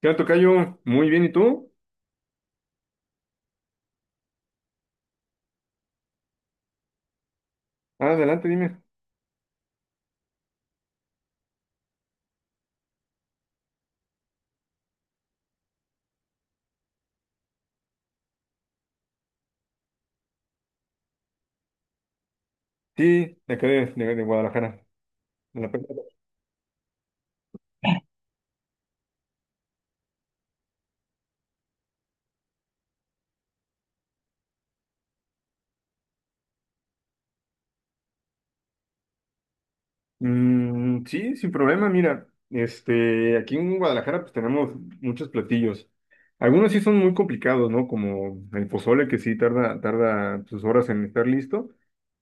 ¿Qué onda, tocayo? Muy bien, ¿y tú? Ah, adelante, dime. Sí, de acá de Guadalajara. De la Perla. Mm, sí, sin problema, mira. Aquí en Guadalajara pues tenemos muchos platillos. Algunos sí son muy complicados, ¿no? Como el pozole, que sí tarda sus horas en estar listo.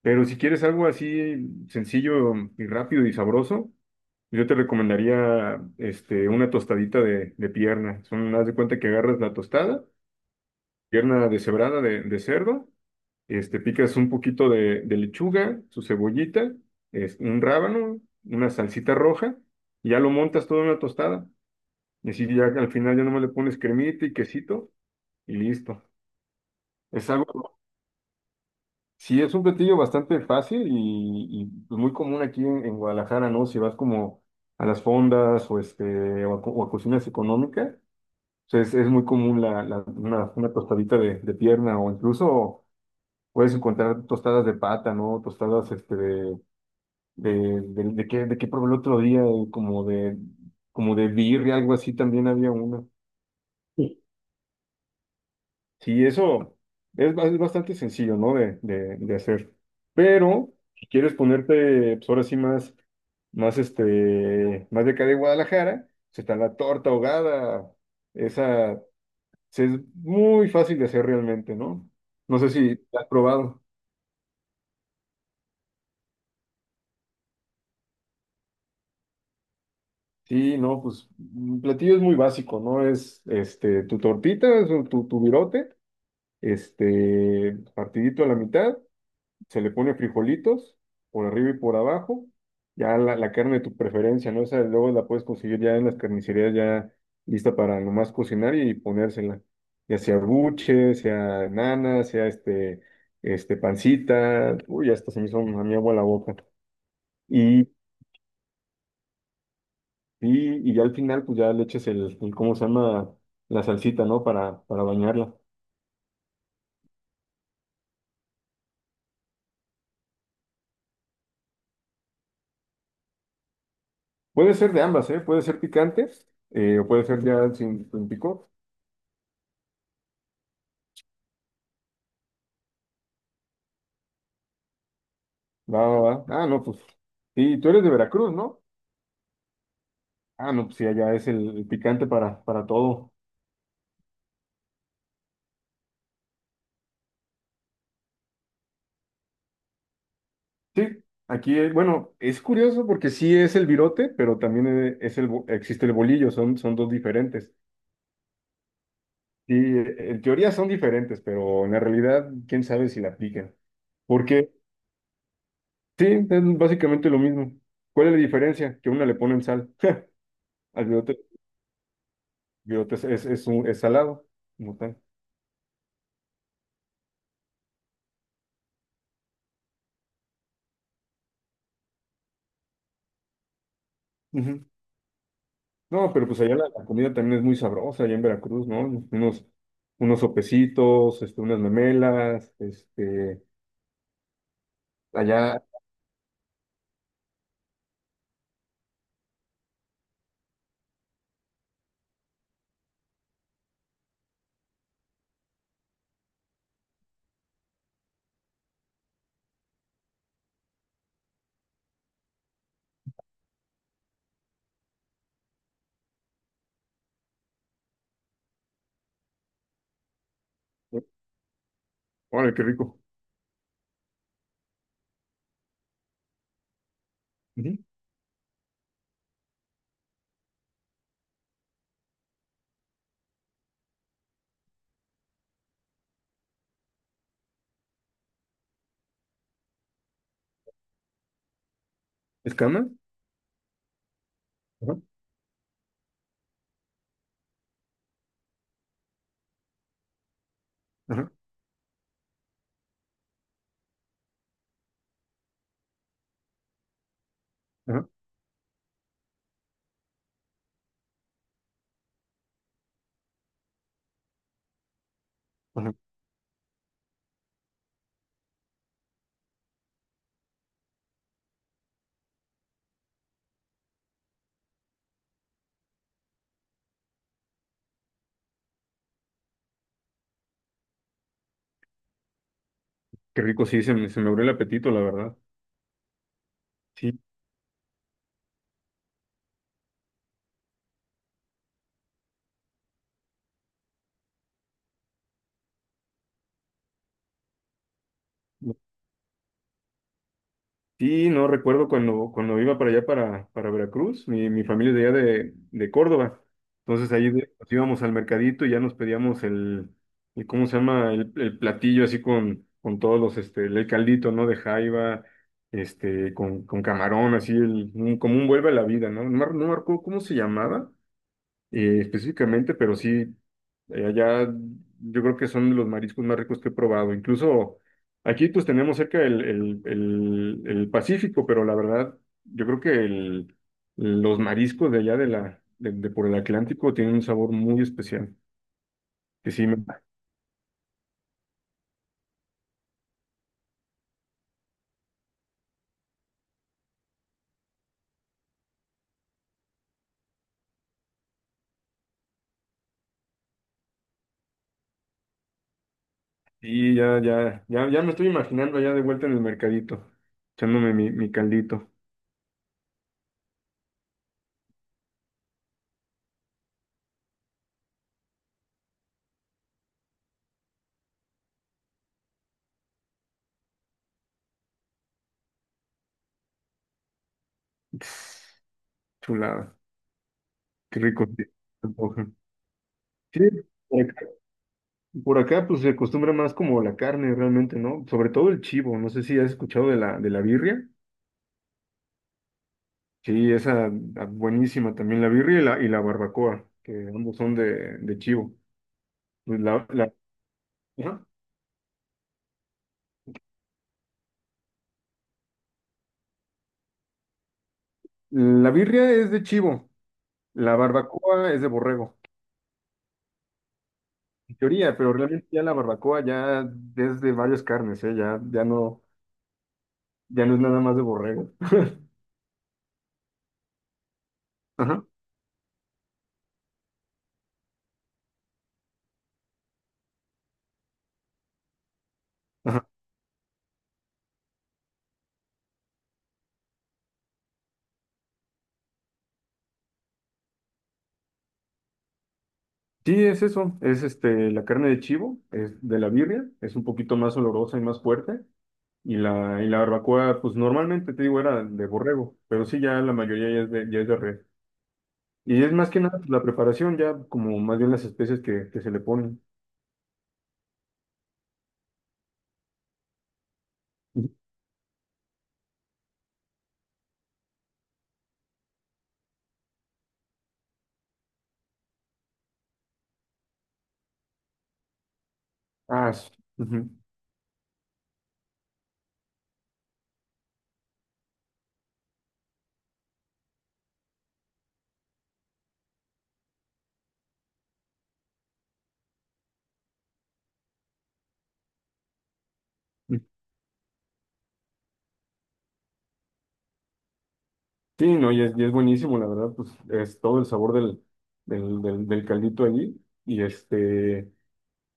Pero si quieres algo así sencillo y rápido y sabroso, yo te recomendaría una tostadita de pierna. Son, haz de cuenta que agarras la tostada. Pierna deshebrada de cerdo, picas un poquito de lechuga, su cebollita, es, un rábano, una salsita roja, y ya lo montas todo en una tostada. Y así ya al final ya nomás le pones cremita y quesito y listo. Es algo, sí, es un platillo bastante fácil pues, muy común aquí en Guadalajara, ¿no? Si vas como a las fondas o, o, a, o a cocinas económicas, o es muy común una tostadita de pierna o incluso puedes encontrar tostadas de pata, ¿no? Tostadas de qué probé el otro día, como de birria, algo así también había una. Sí. Sí, eso es, es bastante sencillo, ¿no? De hacer. Pero si quieres ponerte, pues ahora sí más, más más de acá de Guadalajara, se está la torta ahogada. Esa es muy fácil de hacer realmente, ¿no? No sé si la has probado. Sí, no, pues un platillo es muy básico, ¿no? Es este tu tortita, es tu virote, partidito a la mitad, se le pone frijolitos por arriba y por abajo, ya la carne de tu preferencia, ¿no? Esa luego la puedes conseguir ya en las carnicerías ya lista para nomás cocinar y ponérsela, ya sea buche, sea nana, sea este pancita, uy, hasta se me hizo a mi agua la boca. Y ya al final, pues ya le eches ¿cómo se llama? La salsita, ¿no? Para bañarla. Puede ser de ambas, ¿eh? Puede ser picante, o puede ser ya sin picor. Va, va, va. Ah, no, pues. Y tú eres de Veracruz, ¿no? Ah, no, pues sí, allá es el picante para todo. Sí, aquí, bueno, es curioso porque sí es el virote, pero también es el, existe el bolillo, son dos diferentes. Sí, en teoría son diferentes, pero en la realidad, quién sabe si la aplican. Porque. Sí, es básicamente lo mismo. ¿Cuál es la diferencia? Que una le ponen sal. Al bigote, bigote es un, es salado, como tal. Ujú. No, pero pues allá la comida también es muy sabrosa, allá en Veracruz, ¿no? Unos, unos sopecitos, unas memelas, allá. Órale, qué rico. Ujú. ¿Escama? Ajá, ajá, ajá, ajá. Qué rico, sí, se me abrió el apetito, la verdad. Sí. Sí, no recuerdo cuando iba para allá, para Veracruz, mi familia es de allá de Córdoba. Entonces ahí nos íbamos al mercadito y ya nos pedíamos el ¿cómo se llama? El platillo así con todos los, el caldito, ¿no? De jaiba, con camarón, así, como un vuelve a la vida, ¿no? No, no me acuerdo cómo se llamaba, específicamente, pero sí, allá yo creo que son de los mariscos más ricos que he probado. Incluso aquí pues tenemos cerca el Pacífico, pero la verdad yo creo que el, los mariscos de allá de por el Atlántico tienen un sabor muy especial. Que sí, me, sí, ya me estoy imaginando allá de vuelta en el mercadito, echándome mi caldito. Tss, chulada, qué rico. Sí, por acá, pues se acostumbra más como la carne realmente, ¿no? Sobre todo el chivo. No sé si has escuchado de la birria. Sí, esa ah, buenísima también, la birria y la barbacoa, que ambos son de chivo. Pues ajá. La birria es de chivo, la barbacoa es de borrego, en teoría, pero realmente ya la barbacoa ya es de varias carnes, ¿eh? Ya no, ya no es nada más de borrego. Ajá, ajá. Sí, es eso, es la carne de chivo, es de la birria, es un poquito más olorosa y más fuerte. Y la barbacoa, pues normalmente te digo, era de borrego, pero sí, ya la mayoría ya es de res. Y es más que nada pues, la preparación, ya como más bien las especies que se le ponen. Ujú. Ah, sí. Ujú. Sí, no, y es buenísimo, la verdad, pues es todo el sabor del caldito allí. Y este,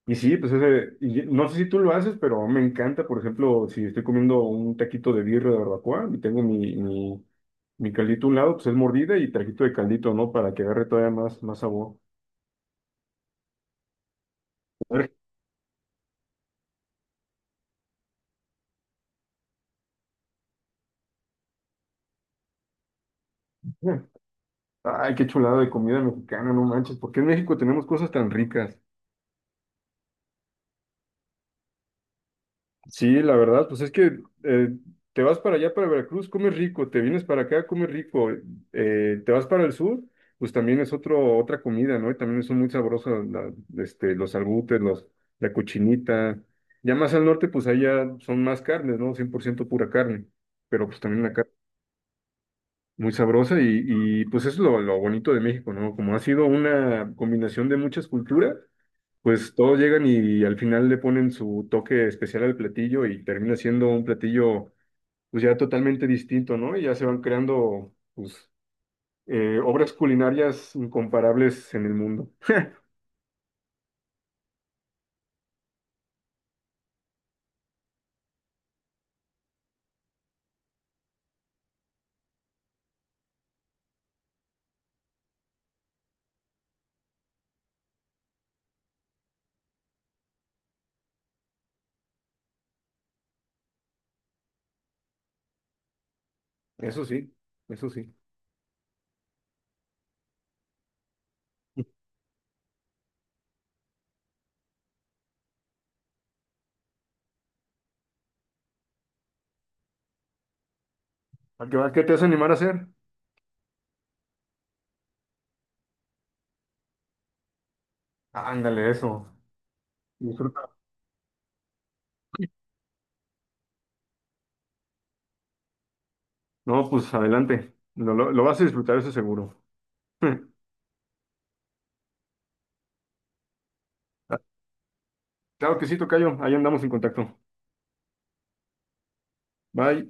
Y sí, pues ese, y no sé si tú lo haces, pero me encanta, por ejemplo, si estoy comiendo un taquito de birra de barbacoa y tengo mi caldito a un lado, pues es mordida y taquito de caldito, ¿no? Para que agarre todavía más, más sabor. Ay, qué chulada de comida mexicana, no manches, ¿por qué en México tenemos cosas tan ricas? Sí, la verdad, pues es que te vas para allá, para Veracruz, comes rico, te vienes para acá, comes rico, te vas para el sur, pues también es otro, otra comida, ¿no? Y también son muy sabrosos los albutes, los, la cochinita. Ya más al norte, pues allá son más carnes, ¿no? 100% pura carne, pero pues también la carne muy sabrosa y pues eso es lo bonito de México, ¿no? Como ha sido una combinación de muchas culturas, pues todos llegan y al final le ponen su toque especial al platillo y termina siendo un platillo pues ya totalmente distinto, ¿no? Y ya se van creando pues obras culinarias incomparables en el mundo. Eso sí, eso sí. ¿A qué te vas a animar a hacer? Ándale, eso. Disfruta. No, pues adelante. Lo vas a disfrutar, eso seguro. Claro que sí, tocayo. Ahí andamos en contacto. Bye.